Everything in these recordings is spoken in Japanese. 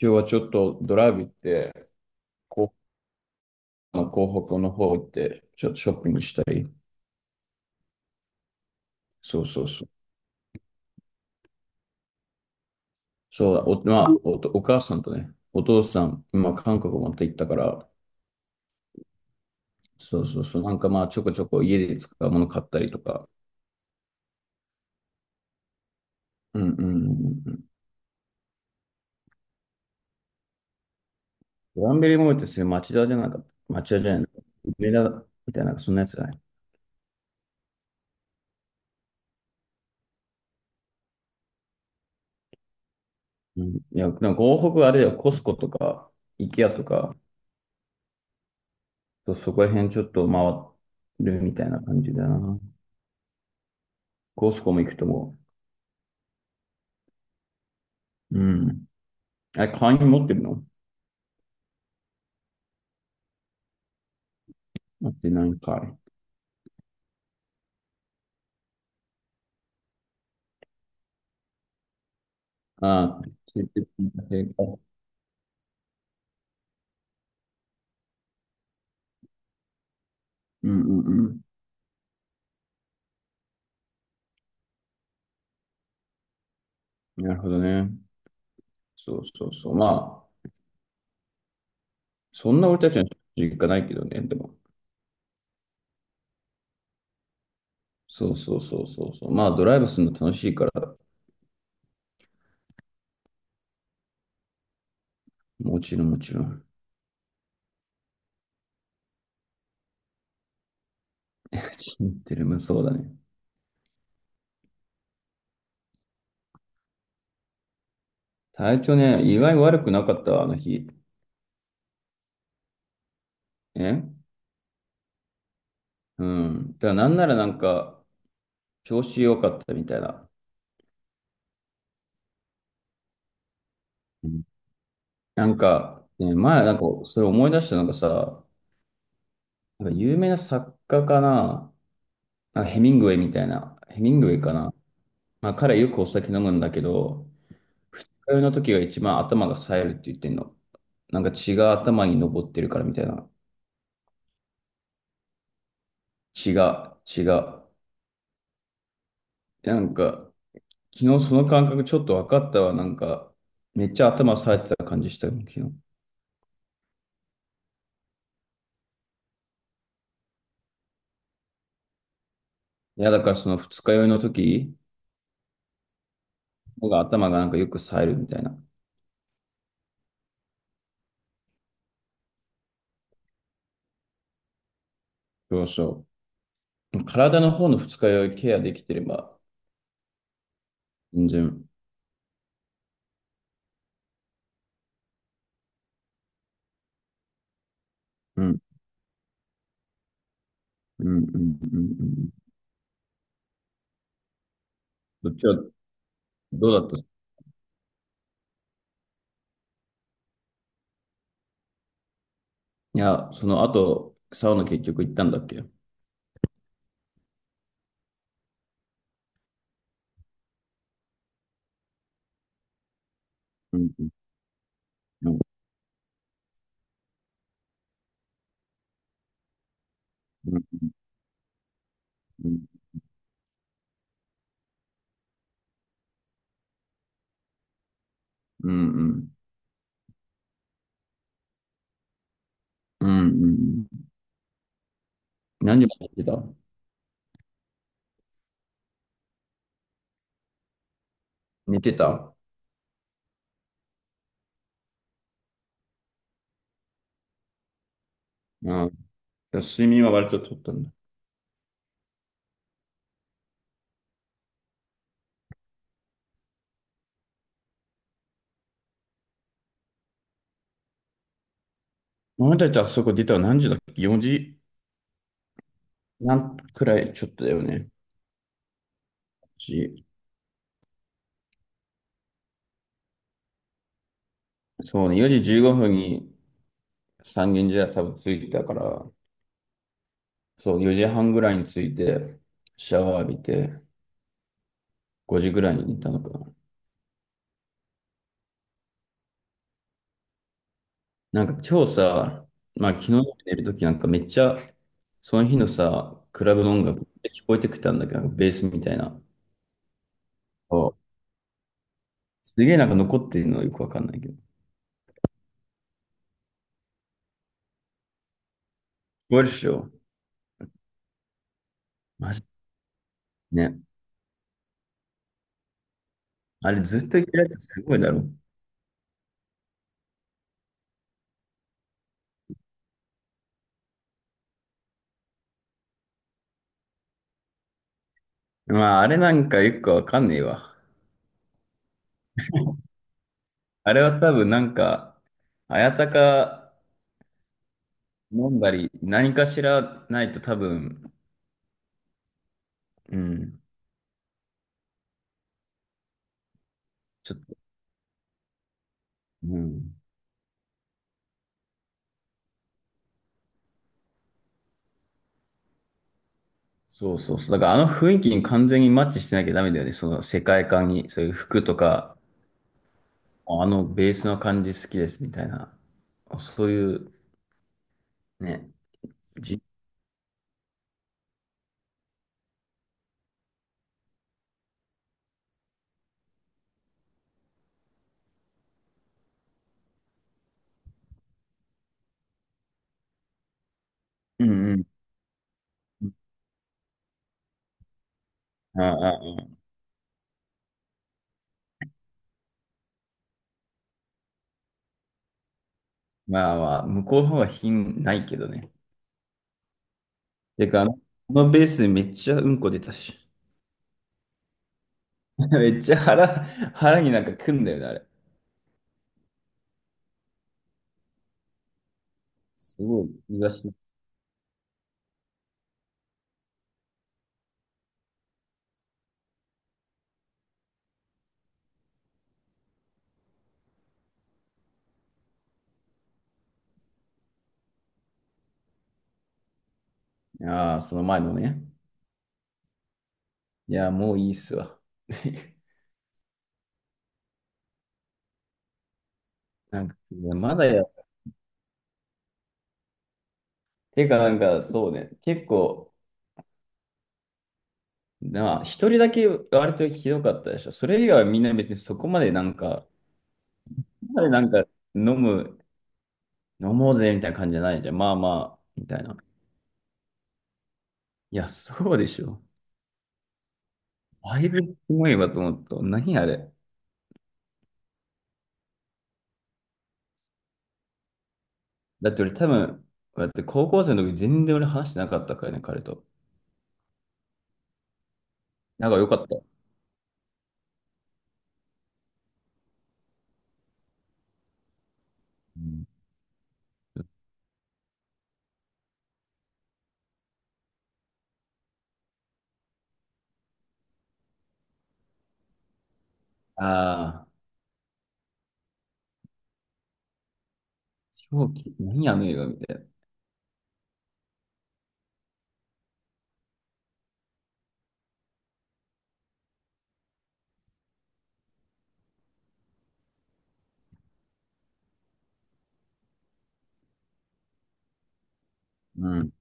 今日はちょっとドライブ行って、こ広北の方行って、ちょっとショッピングしたり。そうそうそう。そうだ、まあ、お母さんとね、お父さん、まあ、韓国また行ったから、そうそうそう。なんかまあ、ちょこちょこ家で使うもの買ったりとか。うんうんうんうん。グランベリーモールってそういう町田じゃなかった？町田じゃないの？梅田みたいな、そんなやつじゃない。うん、いや、でも港北はあれだよ、コスコとか、イケアとか、そうそこら辺ちょっと回るみたいな感じだな。コスコも行くとも。うん。あれ、会員持ってるの？持ってないんかい。ああ、ついてるだけか？うんうんうん。なるほどね。そうそうそう。まあ、そんな俺たちの実家ないけどね、でも。そうそうそうそうそう。まあ、ドライブするの楽しいから、もちろんもちろん。知ってる、まあそうだね。体調ね、意外に悪くなかったわ、あの日。えうん。だからなんならなんか、調子良かったみたいな。うん。なんか、ね、前なんか、それ思い出したのがさ、なんか有名な作家かな、なんかヘミングウェイみたいな、ヘミングウェイかな。まあ、彼よくお酒飲むんだけど、通いの時が一番頭が冴えるって言ってんの。なんか血が頭に上ってるからみたいな。血が、血が。なんか、昨日その感覚ちょっと分かったわ。なんか、めっちゃ頭冴えてた感じしたよ、昨日。いや、だからその二日酔いの時のが頭がなんかよく冴えるみたいな。そうそう。体の方の二日酔いケアできてれば、全然。うんうんうんうんうん。そっちはどうだった？いや、その後、サウナ結局行ったんだっけ？うんうんうんうんうんうんうんうん。何時まで寝てた？寝てた？ああ、睡眠は割と取ったんだ。お前たちあそこ出たの何時だっけ？ 4 時なんくらいちょっとだよね。しそうね、4時15分に三軒茶屋多分着いたから、そう、4時半ぐらいに着いて、シャワー浴びて、5時ぐらいに寝たのか。なんか今日さ、まあ昨日の夜寝るときなんかめっちゃ、その日のさ、クラブの音楽って聞こえてきたんだけど、なんかベースみたいな。そう。すげえなんか残ってるのよくわかんないけど。聞こえるっしょ？マジね。あれずっと言ってるやつすごいだろ。まああれなんかよくわかんねえわ。あれは多分なんか、あやたか飲んだり、何かしらないと多分、うん、ちょっと、うん。そうそうそう。だからあの雰囲気に完全にマッチしてなきゃダメだよね。その世界観に、そういう服とか、あのベースの感じ好きですみたいな。そういう、ね。じ、うんうん。ああ、ああ、まあまあ、向こうの方が品ないけどね。てか、あのベースめっちゃうんこ出たし。めっちゃ腹になんかくんだよね、あれ。すごい、言わし。ああ、その前のね。いや、もういいっすわ。なんか、いやまだや、てかなんか、そうね。結構、なあ、一人だけ割とひどかったでしょ。それ以外はみんな別にそこまでなんか、そこまでなんか飲む、飲もうぜみたいな感じじゃないじゃん。まあまあ、みたいな。いや、そうでしょ。だいぶすごいわと思った。何あれ。だって俺多分、だって高校生の時全然俺話してなかったからね、彼と。なんか良かった。うああー、何あの映画みたいな。うん。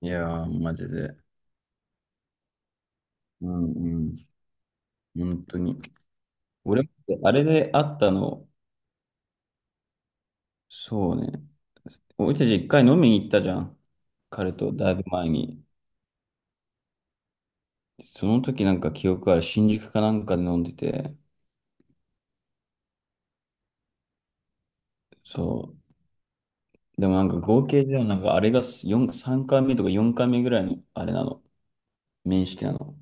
いやー、マジで。うんうん。本当に。俺、あれで会ったの、そうね。俺たち一回飲みに行ったじゃん。彼とだいぶ前に。その時なんか記憶ある新宿かなんかで飲んでて。そう。でもなんか合計ではなんかあれが4、3回目とか4回目ぐらいのあれなの。面識なの。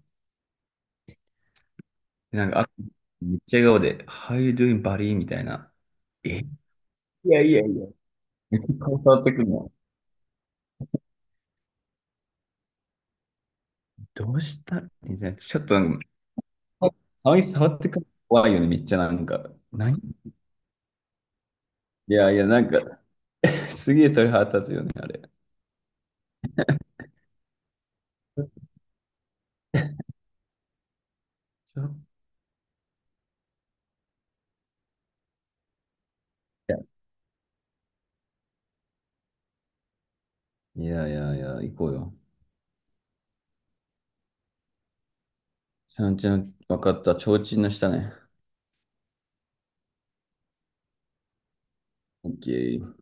でなんかめっちゃ笑顔で、How you doing, buddy? みたいな。え、いやいやいや。めっちゃ顔触ってくるの。どうしたみたいな。ちょっとなんか、顔に触ってくるの怖いよね、めっちゃなんか。何？いやいや、なんか。すげえ鳥肌立つよね、あれ。ちょっといやいやいやいや、行こうよ。サンんちゃん、わかった。提灯の下ね。オッケー。